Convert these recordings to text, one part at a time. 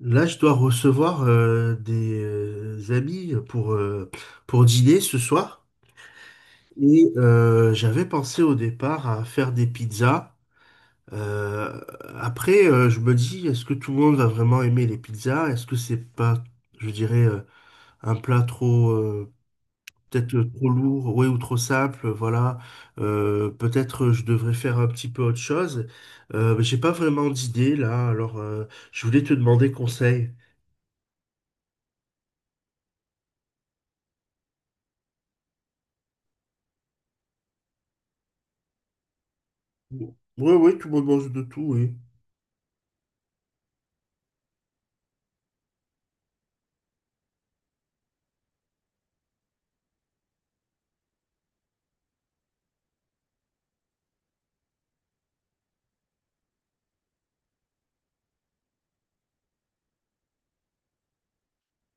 Là, je dois recevoir des amis pour dîner ce soir. Et j'avais pensé au départ à faire des pizzas. Euh, je me dis, est-ce que tout le monde va vraiment aimer les pizzas? Est-ce que c'est pas, je dirais, un plat trop, peut-être trop lourd, ouais, ou trop simple, voilà. Peut-être je devrais faire un petit peu autre chose. Mais j'ai pas vraiment d'idée là, alors je voulais te demander conseil. Oui, oui, tout le monde mange de tout, oui.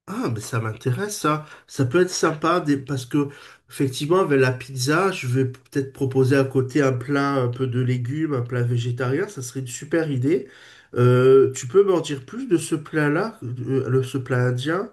Ah, mais ça m'intéresse, ça. Ça peut être sympa parce que, effectivement, avec la pizza, je vais peut-être proposer à côté un plat un peu de légumes, un plat végétarien. Ça serait une super idée. Tu peux m'en dire plus de ce plat-là, ce plat indien?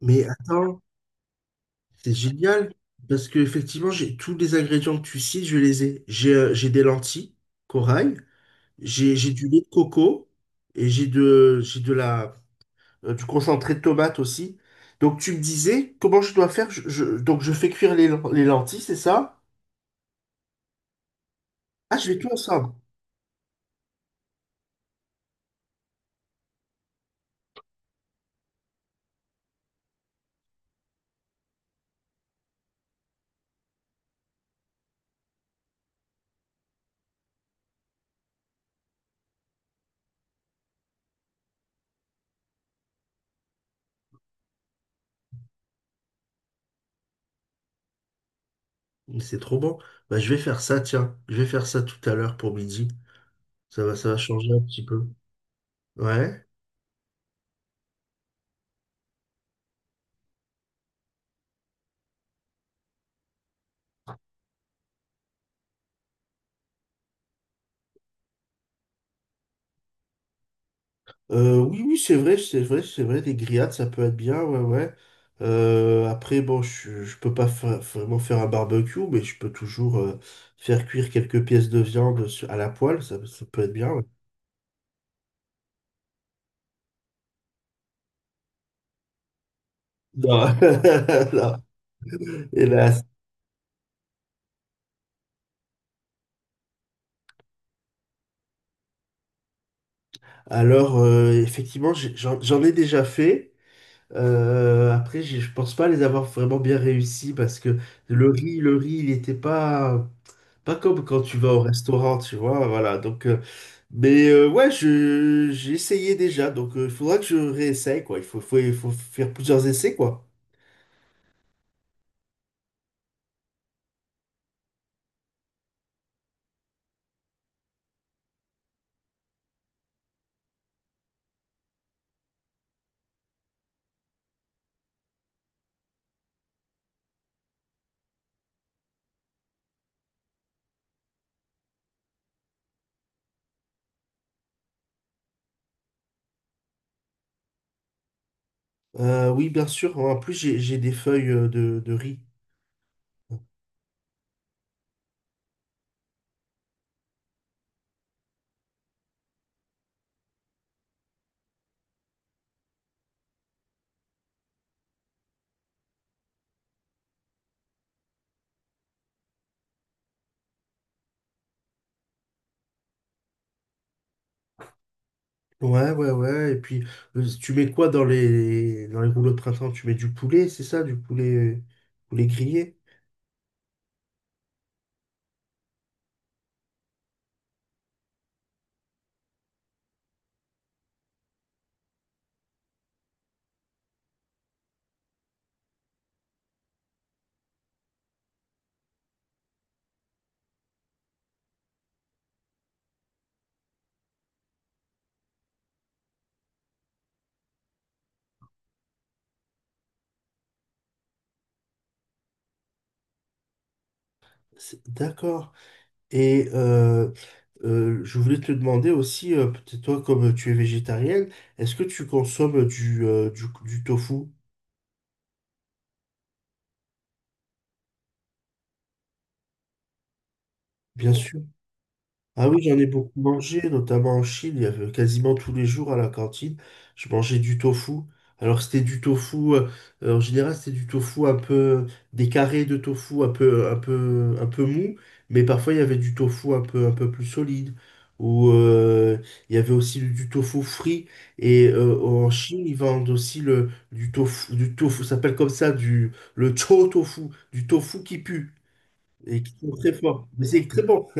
Mais attends, c'est génial parce que, effectivement, j'ai tous les ingrédients que tu cites, je les ai. J'ai des lentilles, corail, j'ai du lait de coco et j'ai de la. Du concentré de tomate aussi. Donc tu me disais comment je dois faire. Donc je fais cuire les lentilles, c'est ça? Ah, je vais tout ensemble. Mais c'est trop bon. Bah, je vais faire ça, tiens. Je vais faire ça tout à l'heure pour midi. Ça va changer un petit peu. Ouais. Oui, oui, c'est vrai, c'est vrai, c'est vrai. Des grillades, ça peut être bien, ouais, ouais. Après, bon, je peux pas vraiment faire un barbecue, mais je peux toujours faire cuire quelques pièces de viande à la poêle. Ça peut être bien, ouais. Non. Non. Et là, alors, effectivement, j'en ai déjà fait. Après, je pense pas les avoir vraiment bien réussi parce que le riz, il était pas, pas comme quand tu vas au restaurant, tu vois. Voilà. Mais ouais, j'ai essayé déjà. Donc, il faudra que je réessaye, quoi. Il faut faire plusieurs essais, quoi. Oui, bien sûr. En plus, j'ai des feuilles de riz. Ouais, ouais, ouais. Et puis, tu mets quoi dans dans les rouleaux de printemps? Tu mets du poulet, c'est ça? Poulet grillé? D'accord. Et je voulais te demander aussi, peut-être toi, comme tu es végétarienne, est-ce que tu consommes du tofu? Bien sûr. Ah oui, j'en ai beaucoup mangé, notamment en Chine. Il y avait quasiment tous les jours à la cantine, je mangeais du tofu. Alors c'était du tofu, en général c'était du tofu un peu, des carrés de tofu un peu, un peu mou, mais parfois il y avait du tofu un peu plus solide. Ou il y avait aussi du tofu frit. Et en Chine, ils vendent aussi du tofu, ça s'appelle comme ça, du, le chou tofu, du tofu qui pue et qui est très fort. Mais c'est très bon.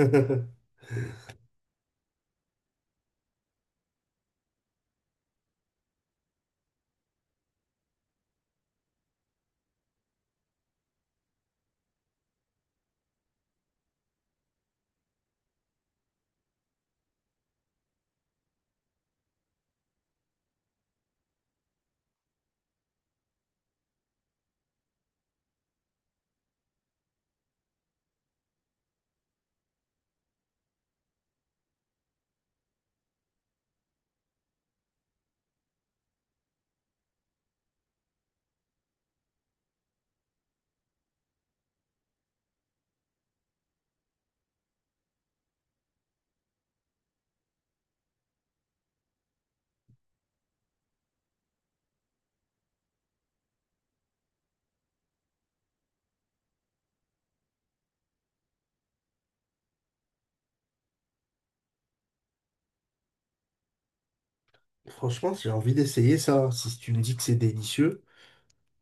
Franchement, j'ai envie d'essayer ça, hein. Si tu me dis que c'est délicieux,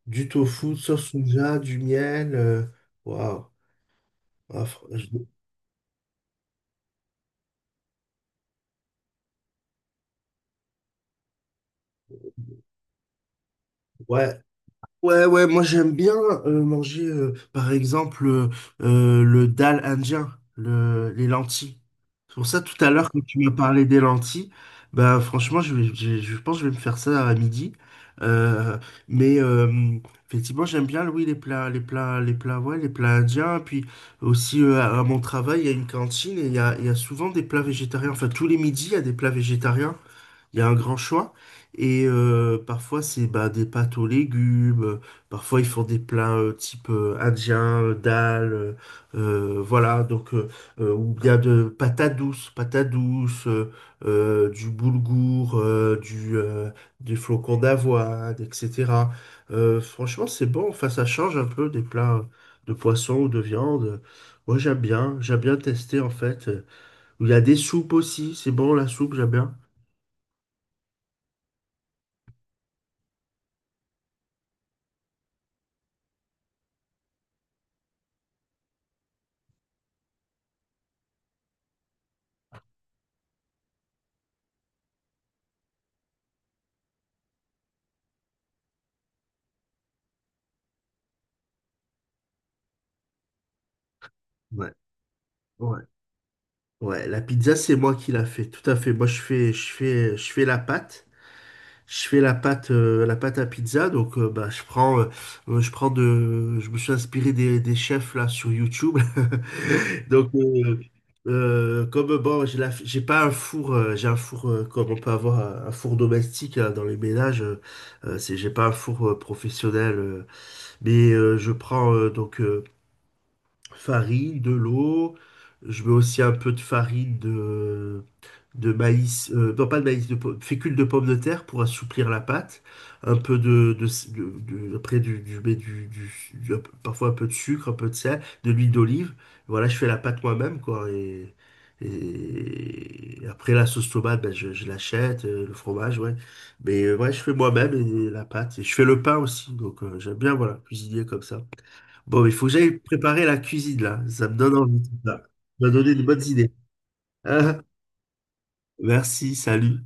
du tofu, sauce soja, du miel, waouh. Ah, fr- je- Ouais, ouais, ouais, moi j'aime bien manger par exemple le dal indien, les lentilles. C'est pour ça tout à l'heure quand tu m'as parlé des lentilles, bah franchement je pense que je vais me faire ça à midi. Euh, mais effectivement j'aime bien oui les plats, ouais, les plats indiens. Puis aussi à mon travail il y a une cantine et il y a souvent des plats végétariens. Enfin tous les midis il y a des plats végétariens. Il y a un grand choix. Et parfois, c'est bah, des pâtes aux légumes. Parfois, ils font des plats type indien, dal. Voilà. Donc, ou bien de patates douces, du boulgour, du flocon d'avoine, etc. Franchement, c'est bon. Enfin, ça change un peu des plats de poisson ou de viande. Moi, j'aime bien. J'aime bien tester, en fait. Il y a des soupes aussi. C'est bon, la soupe, j'aime bien. Ouais. Ouais. Ouais, la pizza, c'est moi qui la fais, tout à fait. Moi, je fais la pâte. Je fais la pâte à pizza. Donc, bah, je prends de, je me suis inspiré des chefs là sur YouTube. Donc, comme bon, j'ai pas un four, j'ai un four comme on peut avoir un four domestique hein, dans les ménages. C'est, j'ai pas un four professionnel, mais je prends farine, de l'eau. Je mets aussi un peu de farine de maïs, non pas de maïs, de fécule de pomme de terre pour assouplir la pâte, un peu de- de- après du, mais du- un peu- parfois un peu de sucre, un peu de sel, de l'huile d'olive. Voilà, je fais la pâte moi-même, quoi. Et après la sauce tomate, ben, je l'achète, le fromage, ouais. Mais ouais, je fais moi-même et la pâte. Et je fais le pain aussi, donc j'aime bien, voilà, cuisiner comme ça. Bon, il faut que j'aille préparer la cuisine, là. Ça me donne envie, tout ça. Ça m'a donné de bonnes idées. Merci, salut.